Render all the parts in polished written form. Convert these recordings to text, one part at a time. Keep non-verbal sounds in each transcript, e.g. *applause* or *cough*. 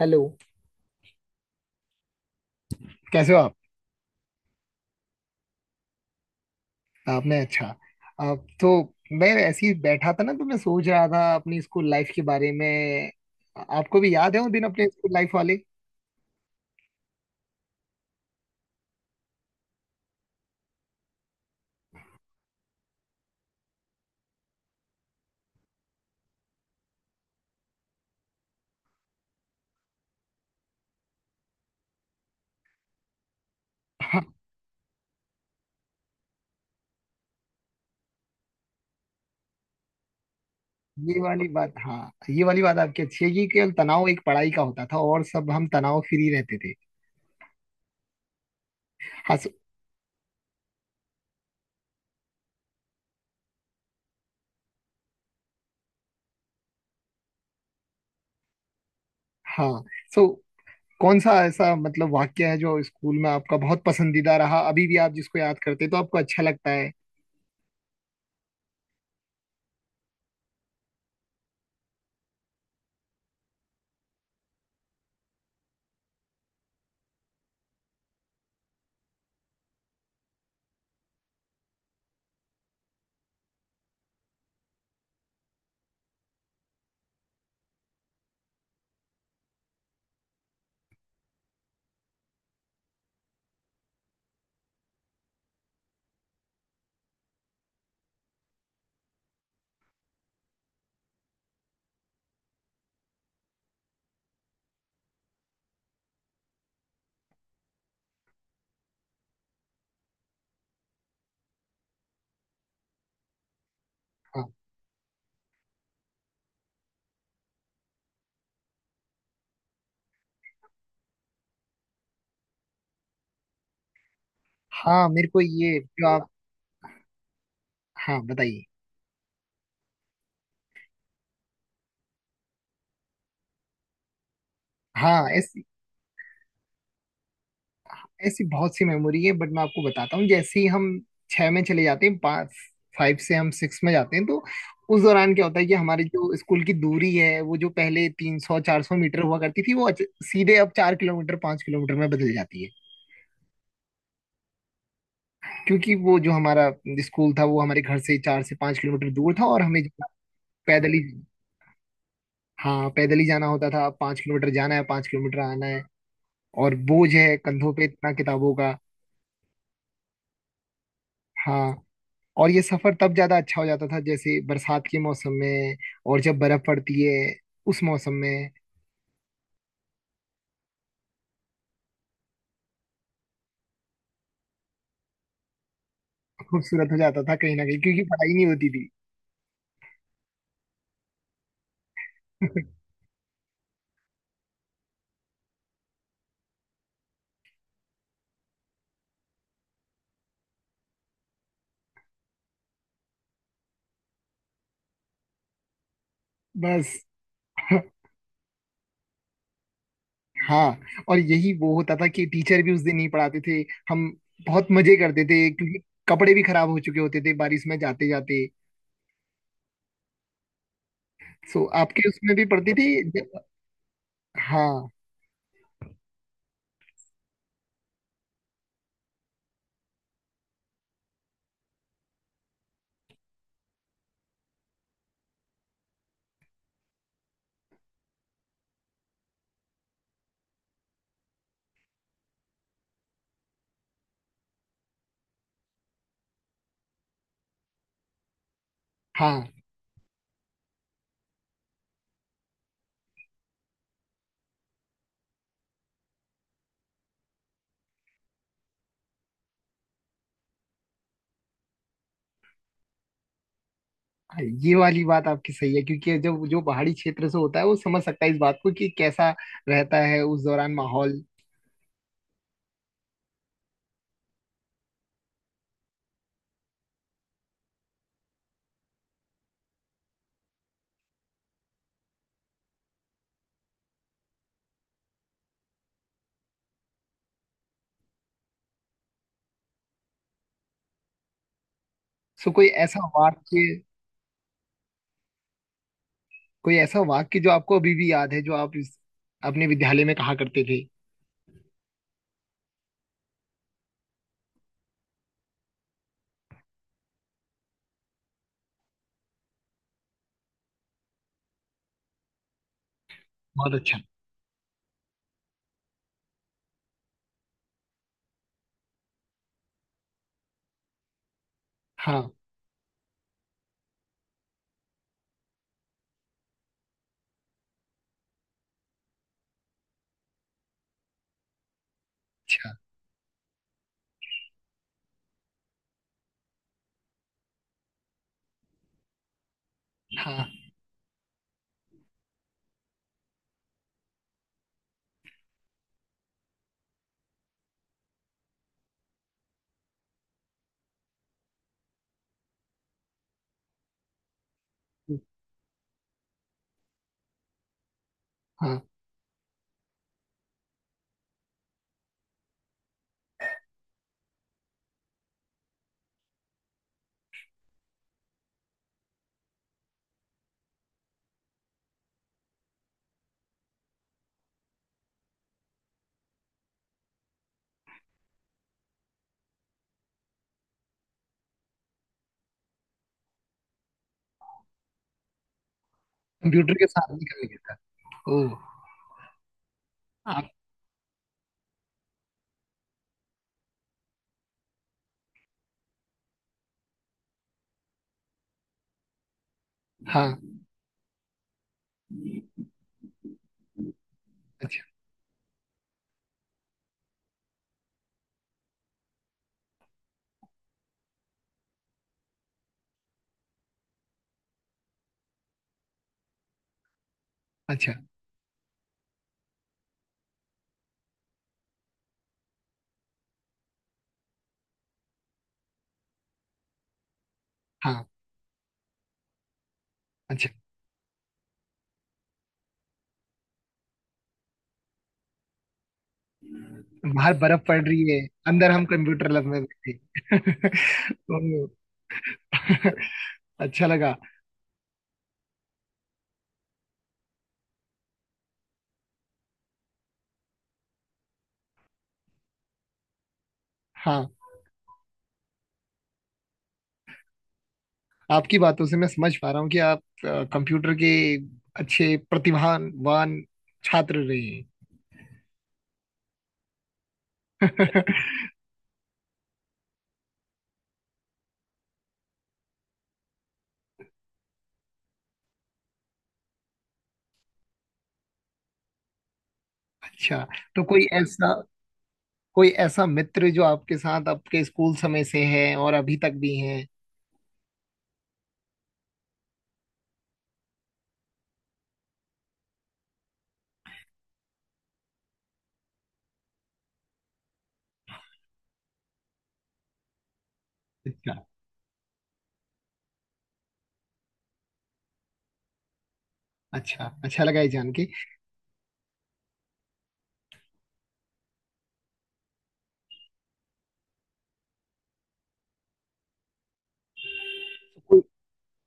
Hello. कैसे हो आप? आपने अच्छा आप तो मैं ऐसे ही बैठा था ना, तो मैं सोच रहा था अपनी स्कूल लाइफ के बारे में। आपको भी याद है वो दिन अपने स्कूल लाइफ वाले? *laughs* हाँ, ये वाली बात, हाँ ये वाली बात आपकी अच्छी है कि केवल तनाव एक पढ़ाई का होता था और सब हम तनाव फ्री रहते थे। हाँ। सो। हाँ सो कौन सा ऐसा मतलब वाक्य है जो स्कूल में आपका बहुत पसंदीदा रहा, अभी भी आप जिसको याद करते हैं तो आपको अच्छा लगता है? हाँ। हाँ, मेरे को ये जो आप हाँ, बताइए। हाँ इस ऐसी बहुत सी मेमोरी है, बट मैं आपको बताता हूँ, जैसे ही हम 6 में चले जाते हैं, 5, 5 से हम 6 में जाते हैं, तो उस दौरान क्या होता है कि हमारे जो स्कूल की दूरी है, वो जो पहले 300 400 मीटर हुआ करती थी, वो सीधे अब 4 किलोमीटर 5 किलोमीटर में बदल जाती है। क्योंकि वो जो हमारा स्कूल था वो हमारे घर से 4 से 5 किलोमीटर दूर था, और हमें जो पैदल ही। हाँ, पैदल ही जाना होता था। अब 5 किलोमीटर जाना है, 5 किलोमीटर आना है, और बोझ है कंधों पे इतना किताबों का। हाँ। और ये सफर तब ज्यादा अच्छा हो जाता था, जैसे बरसात के मौसम में और जब बर्फ पड़ती है उस मौसम में। खूबसूरत हो जाता था कहीं ना कहीं, क्योंकि पढ़ाई नहीं होती थी। *laughs* बस। हाँ, और यही वो होता था कि टीचर भी उस दिन नहीं पढ़ाते थे, हम बहुत मजे करते थे, क्योंकि कपड़े भी खराब हो चुके होते थे बारिश में जाते जाते। सो, आपके उसमें भी पढ़ती थी हाँ। हाँ। हाँ, ये वाली बात आपकी सही है, क्योंकि जब जो पहाड़ी क्षेत्र से होता है वो समझ सकता है इस बात को कि कैसा रहता है उस दौरान माहौल। सो, कोई ऐसा वाक्य जो आपको अभी भी याद है, जो आप इस अपने विद्यालय में कहा करते थे? बहुत अच्छा। हाँ। अच्छा। हाँ। हाँ, कंप्यूटर के साथ भी कर लिया था। ओ। आप। हाँ। अच्छा। अच्छा। हाँ। अच्छा। बाहर बर्फ पड़ रही है, अंदर हम कंप्यूटर लैब में बैठे। *laughs* ओ, *laughs* अच्छा लगा। हाँ, आपकी बातों से मैं समझ पा रहा हूँ कि आप कंप्यूटर के अच्छे प्रतिभावान छात्र रहे हैं। *laughs* अच्छा। तो कोई ऐसा मित्र जो आपके साथ आपके स्कूल समय से है और अभी तक भी है? अच्छा। अच्छा। अच्छा लगा ये जान के। कोई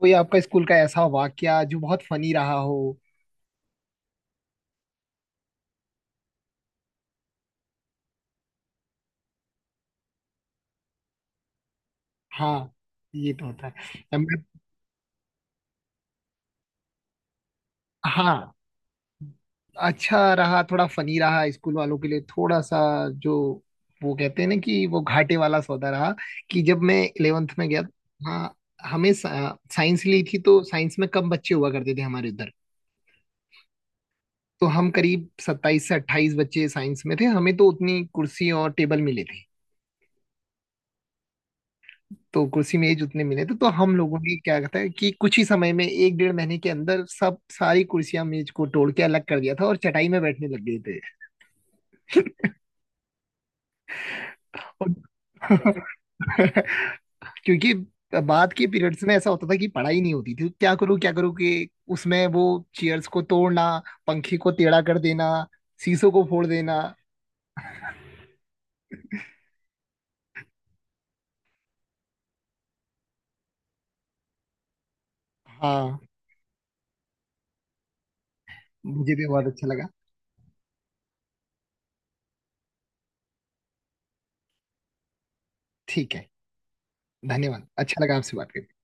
कोई आपका स्कूल का ऐसा वाकया जो बहुत फनी रहा हो? हाँ, ये तो होता है। हम- हाँ, अच्छा रहा, थोड़ा फनी रहा स्कूल वालों के लिए, थोड़ा सा जो वो कहते हैं ना, कि वो घाटे वाला सौदा रहा कि जब मैं 11th में गया। हाँ। हमें साइंस ली थी, तो साइंस में कम बच्चे हुआ करते थे हमारे उधर। तो हम करीब 27 से 28 बच्चे साइंस में थे, हमें तो उतनी कुर्सी और टेबल मिले थे। तो कुर्सी मेज उतने मिले थे, तो हम लोगों ने क्या कहता है कि कुछ ही समय में एक 1.5 महीने के अंदर सब सारी कुर्सियां मेज को तोड़ के अलग कर दिया था और चटाई में बैठने लग गए थे। और *laughs* क्योंकि बाद के पीरियड्स में ऐसा होता था कि पढ़ाई नहीं होती थी। क्या करूँ, क्या करूँ कि उसमें वो चेयर्स को तोड़ना, पंखे को टेढ़ा कर देना, शीशों को फोड़ देना। हाँ, मुझे भी बहुत अच्छा लगा। ठीक है। धन्यवाद, अच्छा लगा आपसे बात करके।